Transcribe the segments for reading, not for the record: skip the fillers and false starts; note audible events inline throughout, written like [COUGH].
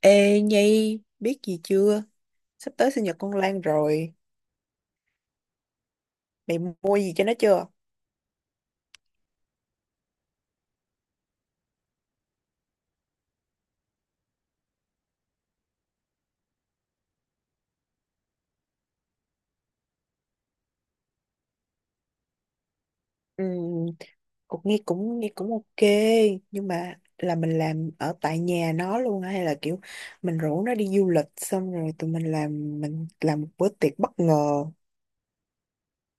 Ê Nhi, biết gì chưa? Sắp tới sinh nhật con Lan rồi. Mày mua gì cho nó chưa? Ừ, cũng nghe cũng ok, nhưng mà là mình làm ở tại nhà nó luôn hay là kiểu mình rủ nó đi du lịch xong rồi tụi mình làm một bữa tiệc bất ngờ.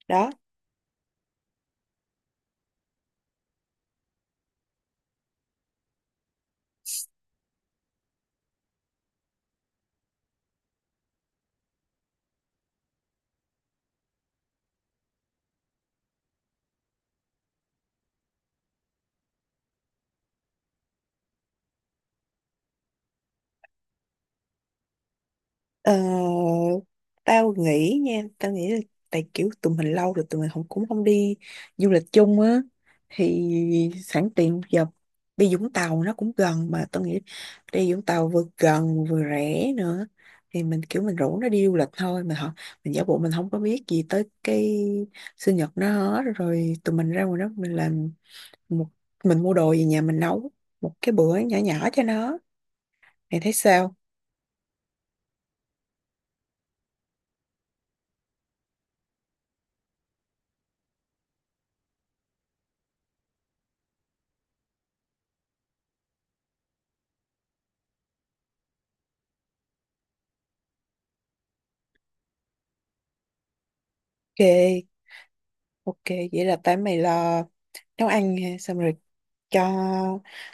Đó. Ờ, tao nghĩ nha, tao nghĩ là tại kiểu tụi mình lâu rồi tụi mình không cũng không đi du lịch chung á. Thì sẵn tiện giờ đi Vũng Tàu nó cũng gần, mà tao nghĩ đi Vũng Tàu vừa gần vừa rẻ nữa. Thì mình kiểu mình rủ nó đi du lịch thôi, mình họ mình giả bộ mình không có biết gì tới cái sinh nhật nó hết. Rồi tụi mình ra ngoài đó mình làm một, mình mua đồ về nhà mình nấu một cái bữa nhỏ nhỏ cho nó. Mày thấy sao? Ok ok, vậy là tại mày lo nấu ăn ha, xong rồi cho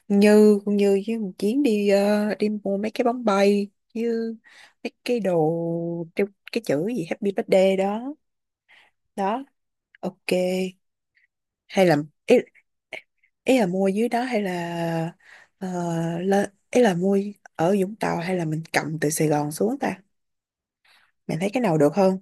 Như, con Như với một Chiến đi đi mua mấy cái bóng bay, như mấy cái đồ treo cái chữ gì Happy Birthday đó đó. Ok. Hay là ý, ý là mua dưới đó hay là ờ, lên, ý là mua ở Vũng Tàu hay là mình cầm từ Sài Gòn xuống ta? Mình thấy cái nào được hơn?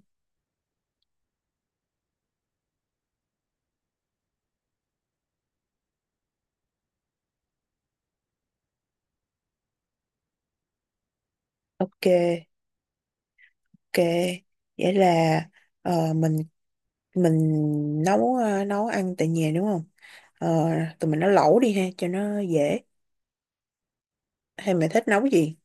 Ok ok, vậy là ờ, mình mình nấu nấu ăn tại nhà đúng không? ờ, Tụi mình nấu lẩu đi ha cho nó dễ, hay mày thích nấu gì?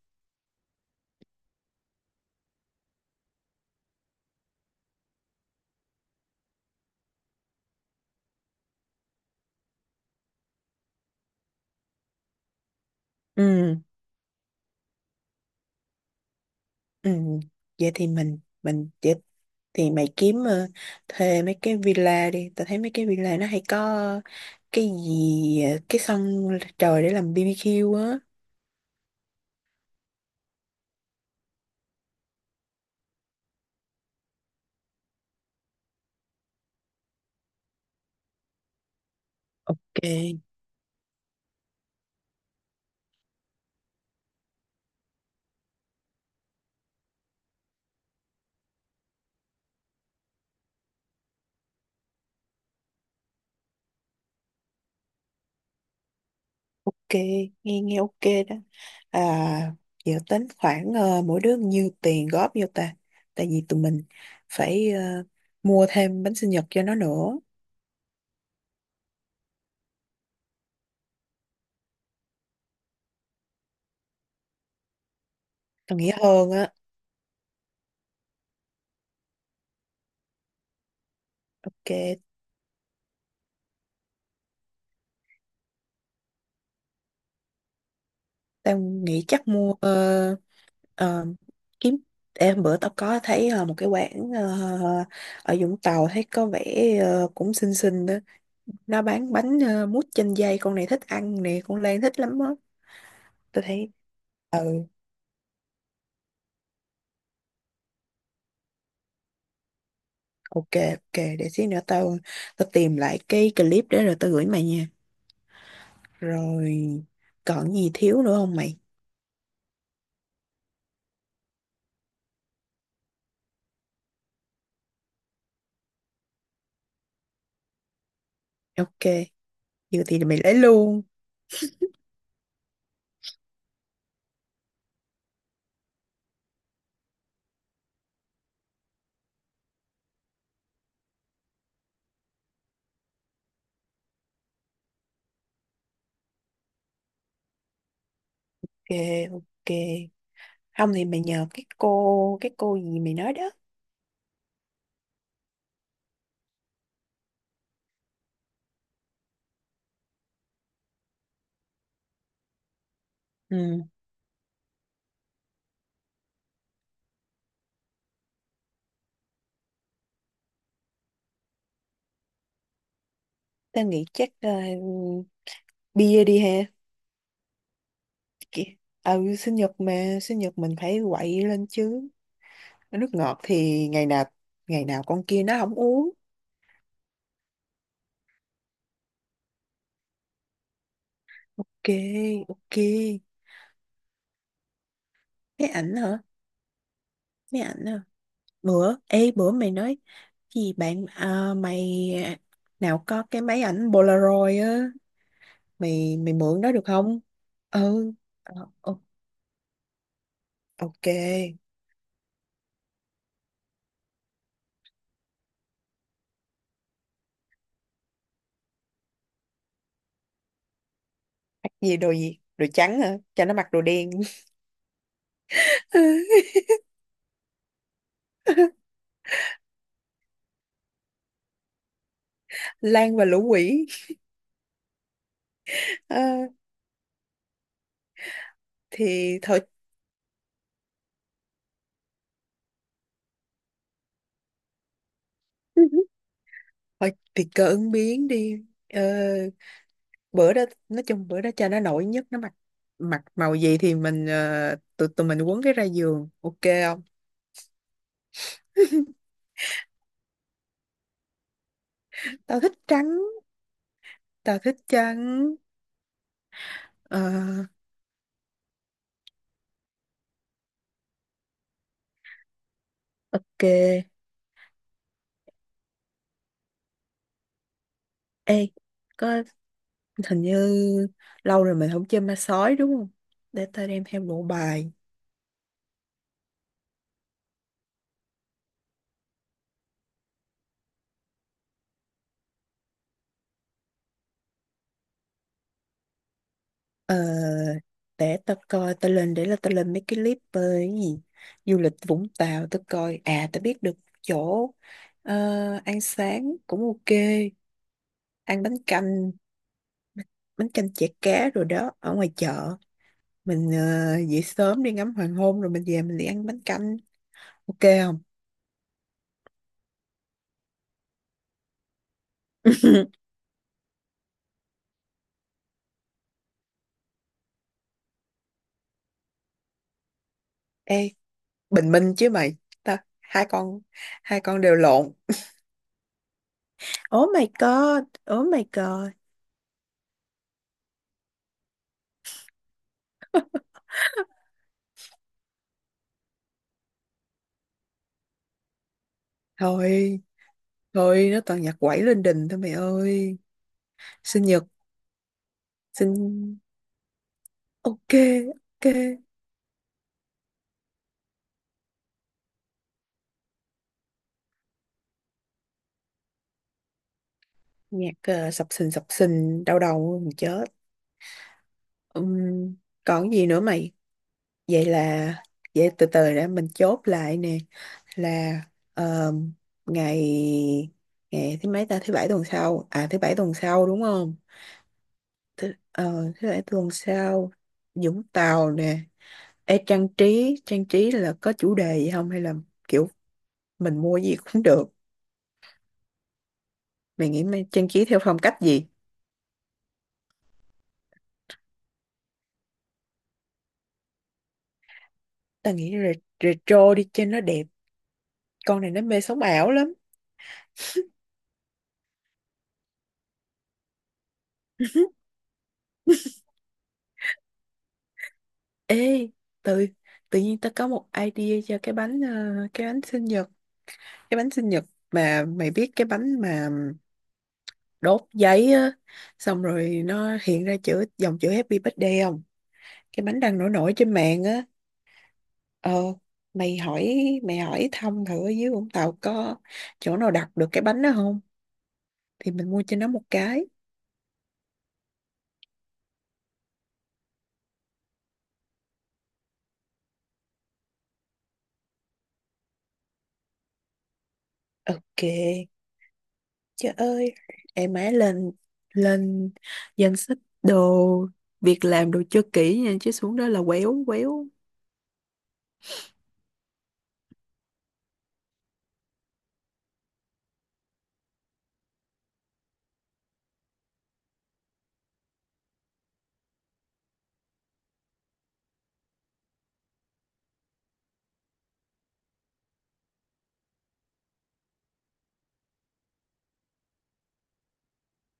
Ừ ừ, vậy thì mình vậy. Thì mày kiếm thuê mấy cái villa đi, tao thấy mấy cái villa nó hay có cái gì cái sân trời để làm BBQ á. Ok. Ok, nghe nghe ok đó. À, dự tính khoảng mỗi đứa nhiêu tiền góp vô ta? Tại vì tụi mình phải mua thêm bánh sinh nhật cho nó nữa. Tao nghĩ hơn á. Ok, tao nghĩ chắc mua ờ, kiếm. Em bữa tao có thấy một cái quán ở Vũng Tàu thấy có vẻ cũng xinh xinh đó. Nó bán bánh mút chanh dây, con này thích ăn nè, con Lan thích lắm á. Tao thấy. Ừ. Ok, ok, để xíu nữa tao, tao tìm lại cái clip để rồi tao gửi mày nha. Rồi còn gì thiếu nữa không mày? Ok, vừa thì mày lấy luôn. Ok, ok. Không thì mày nhờ cái cô gì mày nói đó. Ừ, tao nghĩ chắc bia đi ha. Kì- Ừ, sinh nhật mà, sinh nhật mình phải quậy lên chứ. Nước ngọt thì ngày nào con kia nó không uống. Ok, ok. Máy ảnh hả? Máy ảnh hả? Bữa ê bữa mày nói gì bạn à, mày nào có cái máy ảnh Polaroid á, mày mày mượn đó được không? Ừ. Ờ, ô- ok gì, đồ gì, đồ trắng hả, cho nó mặc đồ đen. [LAUGHS] Lan và lũ quỷ. Ờ, thì thôi, thôi thì cơ ứng biến đi. Ờ, bữa đó nói chung bữa đó cho nó nổi nhất, nó mặc mặc màu gì thì mình tụi tụi mình quấn cái ra giường ok không? Tao thích trắng, tao thích trắng. Ờ, ok. Ê, có hình như lâu rồi mình không chơi ma sói đúng không? Để tao đem theo bộ bài. Ờ, để tao coi, tao lên, để là tao lên mấy cái clip về cái gì. Du lịch Vũng Tàu, tao coi. À, tao biết được chỗ ờ, ăn sáng cũng ok. Ăn bánh canh chả cá rồi đó, ở ngoài chợ. Mình dậy sớm đi ngắm hoàng hôn rồi mình về mình đi ăn bánh canh. Ok không? [LAUGHS] Ê, Bình Minh chứ mày, ta, hai con đều lộn. Oh my god, oh my god. Thôi thôi nó toàn nhạc quẩy lên đình thôi mày ơi. Sinh nhật, sinh ok ok nhạc sập sình đau đầu mình chết. Ừm, còn gì nữa mày? Vậy là, vậy từ từ để mình chốt lại nè, là ờ, ngày, ngày thứ mấy ta, thứ bảy tuần sau à, thứ bảy tuần sau đúng không? Thế, ờ, thế để tuần sau Vũng Tàu nè. Ê, trang trí là có chủ đề gì không hay là kiểu mình mua gì cũng được? Mày nghĩ mày trang trí theo phong cách gì? Tao nghĩ re- retro đi cho nó đẹp, con này nó mê sống ảo lắm. Ê tự, tự nhiên tao có một idea cho cái bánh cái bánh sinh nhật cái bánh sinh nhật mà mày biết, cái bánh mà đốt giấy á xong rồi nó hiện ra chữ, dòng chữ Happy Birthday không? Cái bánh đang nổi nổi trên mạng á. Ờ, mày hỏi mày hỏi thăm thử ở dưới Vũng Tàu có chỗ nào đặt được cái bánh đó không thì mình mua cho nó một cái. Ok. Trời ơi, em má, lên, lên danh sách đồ, việc làm đồ cho kỹ nha chứ xuống đó là quéo quéo.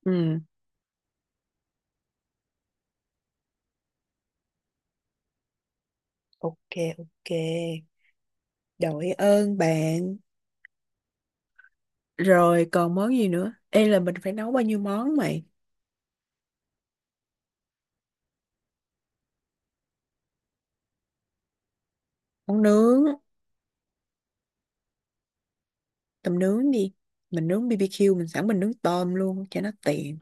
Ừ ok ok, đội ơn bạn. Rồi còn món gì nữa? Ê là mình phải nấu bao nhiêu món mày? Món nướng, tầm nướng đi. Mình nướng BBQ, mình sẵn mình nướng tôm luôn cho nó tiện.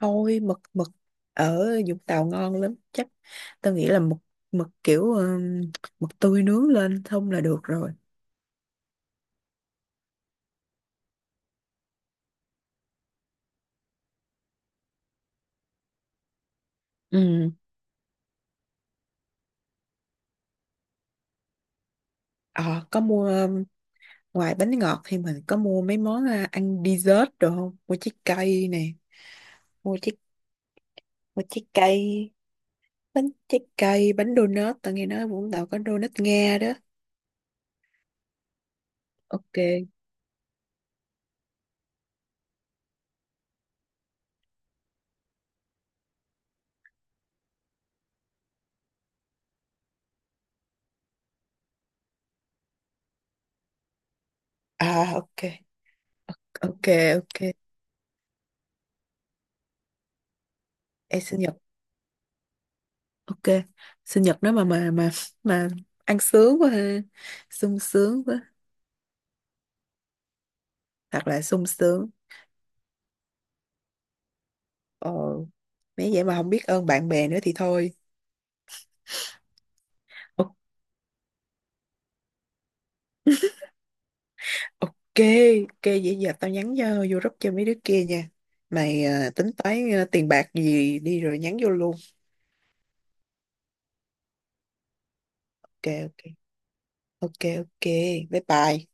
Thôi mực, mực ở Vũng Tàu ngon lắm, chắc tao nghĩ là mực, mực kiểu mực tươi nướng lên không là được rồi. Ừ. Ờ có mua ngoài bánh ngọt thì mình có mua mấy món à, ăn dessert được không, mua trái cây nè? Mua trái, mua trái cây, bánh trái cây, bánh donut, tao nghe nói Vũng Tàu có donut Nga đó. Ok à, ok ok ok. Em sinh nhật, ok, sinh nhật nếu mà ăn sướng quá ha, sung sướng quá, thật là sung sướng. Ồ, nếu vậy mà không biết ơn bạn bè nữa thì thôi. Ok, ok, vậy giờ tao nhắn cho vô group cho mấy đứa kia nha. Mày à, tính toán à, tiền bạc gì đi rồi nhắn vô luôn. Ok, ok, ok, ok, bye bye.